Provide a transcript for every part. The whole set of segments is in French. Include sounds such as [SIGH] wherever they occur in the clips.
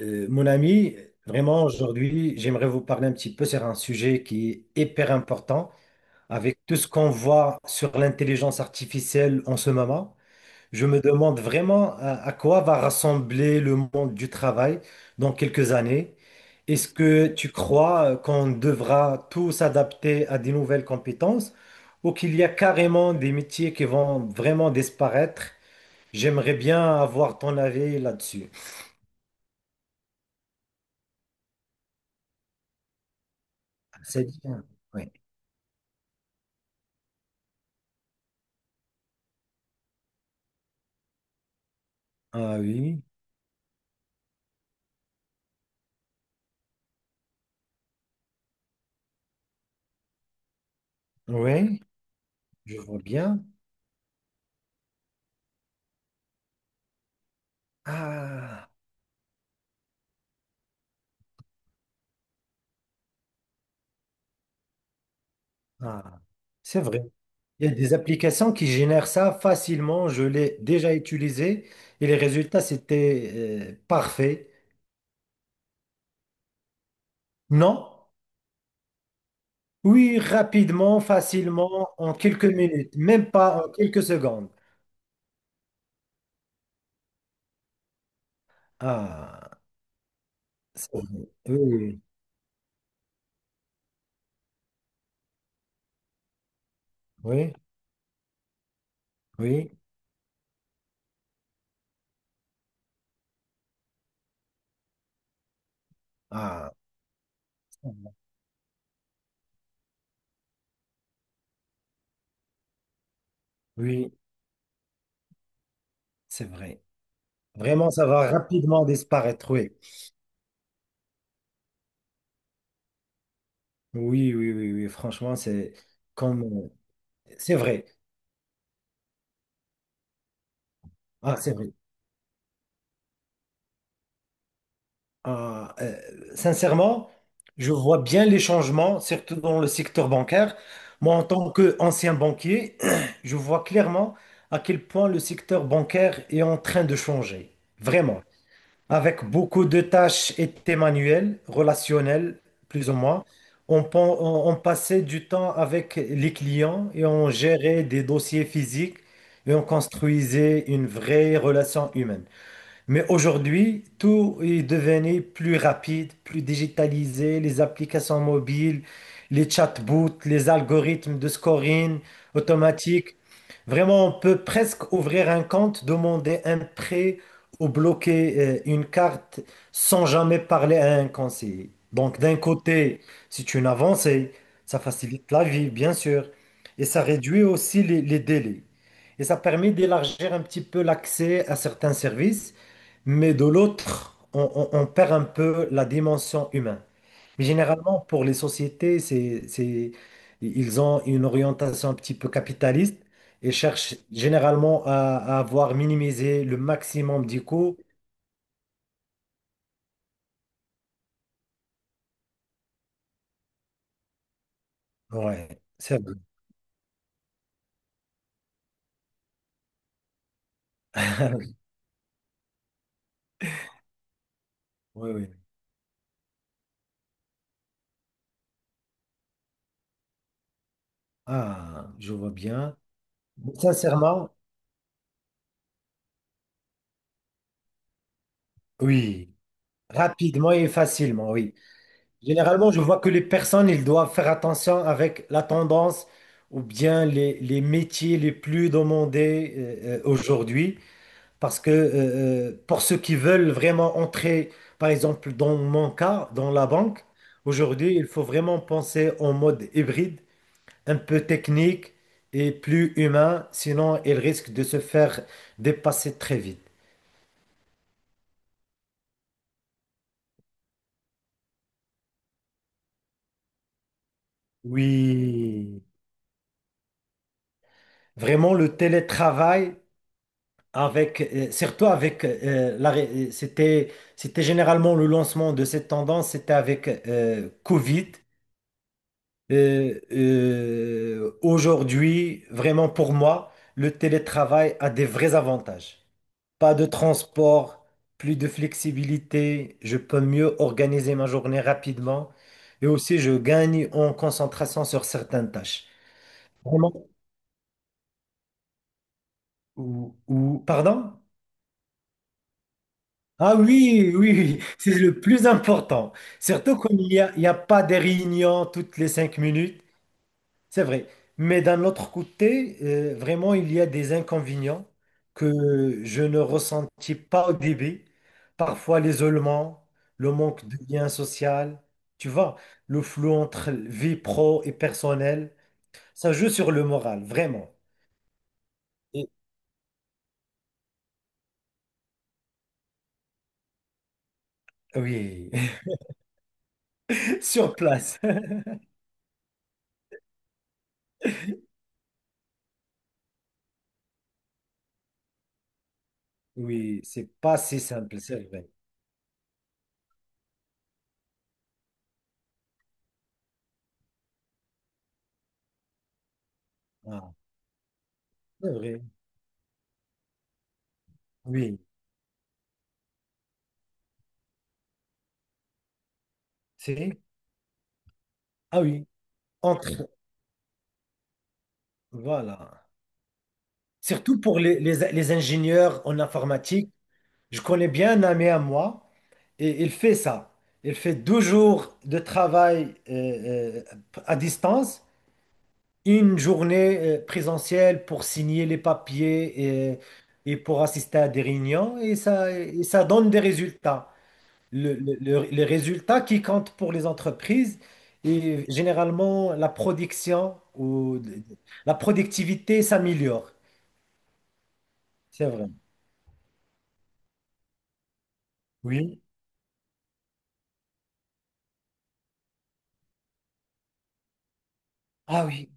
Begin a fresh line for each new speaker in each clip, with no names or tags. Mon ami, vraiment aujourd'hui, j'aimerais vous parler un petit peu sur un sujet qui est hyper important. Avec tout ce qu'on voit sur l'intelligence artificielle en ce moment, je me demande vraiment à quoi va rassembler le monde du travail dans quelques années. Est-ce que tu crois qu'on devra tous s'adapter à des nouvelles compétences ou qu'il y a carrément des métiers qui vont vraiment disparaître? J'aimerais bien avoir ton avis là-dessus. C'est bien. Oui. Ah oui, oui, je vois bien. Ah, ah, c'est vrai. Il y a des applications qui génèrent ça facilement. Je l'ai déjà utilisé et les résultats, c'était parfait. Non? Oui, rapidement, facilement, en quelques minutes, même pas en quelques secondes. Ah, c'est vrai. Oui, oui, oui. Ah, c'est vrai. Oui, c'est vrai. Vraiment, ça va rapidement disparaître. Oui, oui, oui, oui, oui. Franchement, c'est comme. C'est vrai. Ah, c'est vrai. Ah, sincèrement, je vois bien les changements, surtout dans le secteur bancaire. Moi, en tant qu'ancien banquier, [CLEARS THROAT] je vois clairement à quel point le secteur bancaire est en train de changer. Vraiment. Avec beaucoup de tâches et de manuelles, relationnelles, plus ou moins. On, pen- on passait du temps avec les clients et on gérait des dossiers physiques et on construisait une vraie relation humaine. Mais aujourd'hui, tout est devenu plus rapide, plus digitalisé, les applications mobiles, les chatbots, les algorithmes de scoring automatique. Vraiment, on peut presque ouvrir un compte, demander un prêt ou bloquer une carte sans jamais parler à un conseiller. Donc, d'un côté, c'est une avancée, ça facilite la vie, bien sûr, et ça réduit aussi les délais. Et ça permet d'élargir un petit peu l'accès à certains services. Mais de l'autre, on perd un peu la dimension humaine. Mais généralement, pour les sociétés, ils ont une orientation un petit peu capitaliste et cherchent généralement à avoir minimisé le maximum du coût. Ouais, c'est vrai. [LAUGHS] Oui, oui. Ah, je vois bien. Sincèrement, oui. Rapidement et facilement, oui. Généralement, je vois que les personnes, ils doivent faire attention avec la tendance ou bien les métiers les plus demandés aujourd'hui. Parce que pour ceux qui veulent vraiment entrer, par exemple, dans mon cas, dans la banque, aujourd'hui, il faut vraiment penser en mode hybride, un peu technique et plus humain. Sinon, ils risquent de se faire dépasser très vite. Oui, vraiment, le télétravail. Avec, surtout avec, c'était, c'était généralement le lancement de cette tendance, c'était avec Covid. Aujourd'hui, vraiment pour moi, le télétravail a des vrais avantages. Pas de transport, plus de flexibilité, je peux mieux organiser ma journée rapidement et aussi je gagne en concentration sur certaines tâches. Vraiment? Ou pardon? Ah oui, oui, oui, c'est le plus important. Surtout il y a pas des réunions toutes les cinq minutes, c'est vrai. Mais d'un autre côté, vraiment, il y a des inconvénients que je ne ressentis pas au début. Parfois l'isolement, le manque de lien social, tu vois, le flou entre vie pro et personnelle, ça joue sur le moral, vraiment. Et- oui, [LAUGHS] sur place. Oui, c'est pas si simple, c'est vrai. Ah, c'est vrai, oui. C'est... Ah oui, entre... Voilà. Surtout pour les ingénieurs en informatique. Je connais bien un ami à moi et il fait ça. Il fait deux jours de travail à distance, une journée présentielle pour signer les papiers et pour assister à des réunions et ça donne des résultats. Le- les résultats qui comptent pour les entreprises et généralement la production ou la productivité s'améliore. C'est vrai. Oui. Ah oui.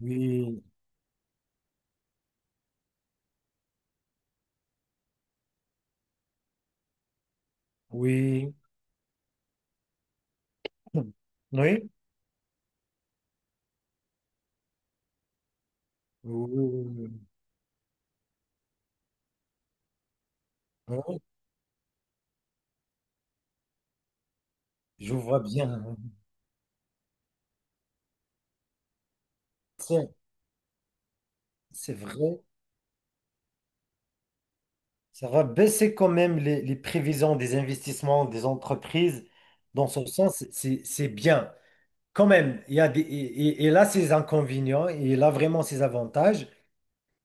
Oui. Oui. Oui. Oui. Oui, oui. Je vois bien. C'est c'est vrai. Ça va baisser quand même les prévisions des investissements des entreprises. Dans ce sens, c'est bien. Quand même, il y a des, et, et là, ses inconvénients et là, vraiment ses avantages.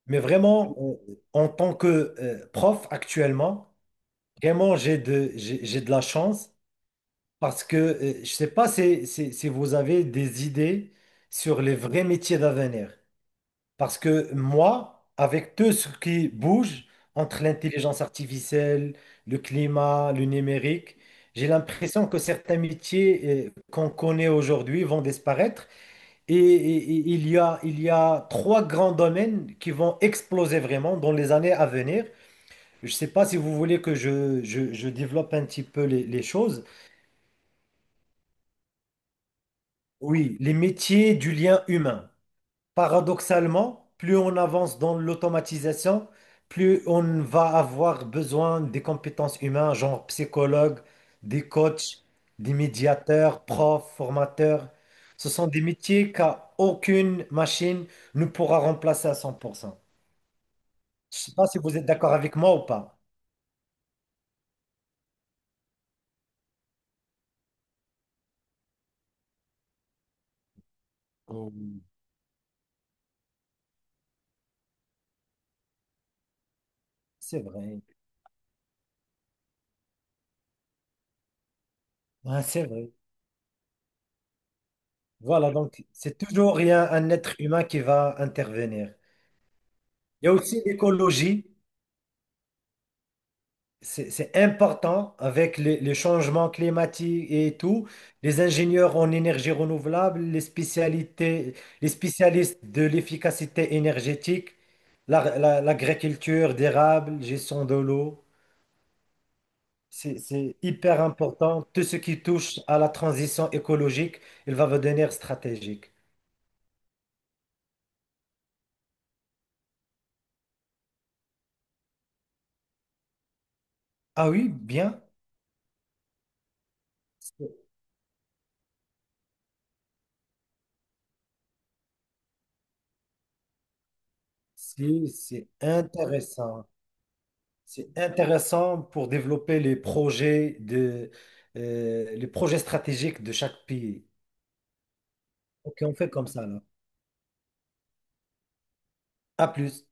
Mais vraiment, en tant que prof actuellement, vraiment, j'ai de la chance parce que je ne sais pas si vous avez des idées sur les vrais métiers d'avenir. Parce que moi, avec tout ce qui bouge entre l'intelligence artificielle, le climat, le numérique, j'ai l'impression que certains métiers qu'on connaît aujourd'hui vont disparaître et il y a trois grands domaines qui vont exploser vraiment dans les années à venir. Je ne sais pas si vous voulez que je développe un petit peu les choses. Oui, les métiers du lien humain. Paradoxalement, plus on avance dans l'automatisation, plus on va avoir besoin des compétences humaines, genre psychologue, des coachs, des médiateurs, profs, formateurs. Ce sont des métiers qu'aucune machine ne pourra remplacer à 100%. Je sais pas si vous êtes d'accord avec moi ou pas. Oh, c'est vrai. Ouais, c'est vrai. Voilà, donc c'est toujours il y a un être humain qui va intervenir. Il y a aussi l'écologie. C'est important avec les changements climatiques et tout. Les ingénieurs en énergie renouvelable, les spécialités, les spécialistes de l'efficacité énergétique, l'agriculture d'érable, gestion de l'eau. C'est hyper important. Tout ce qui touche à la transition écologique, il va devenir stratégique. Ah oui, bien. C'est c'est intéressant. C'est intéressant pour développer les projets de, les projets stratégiques de chaque pays. Ok, on fait comme ça, là. À plus.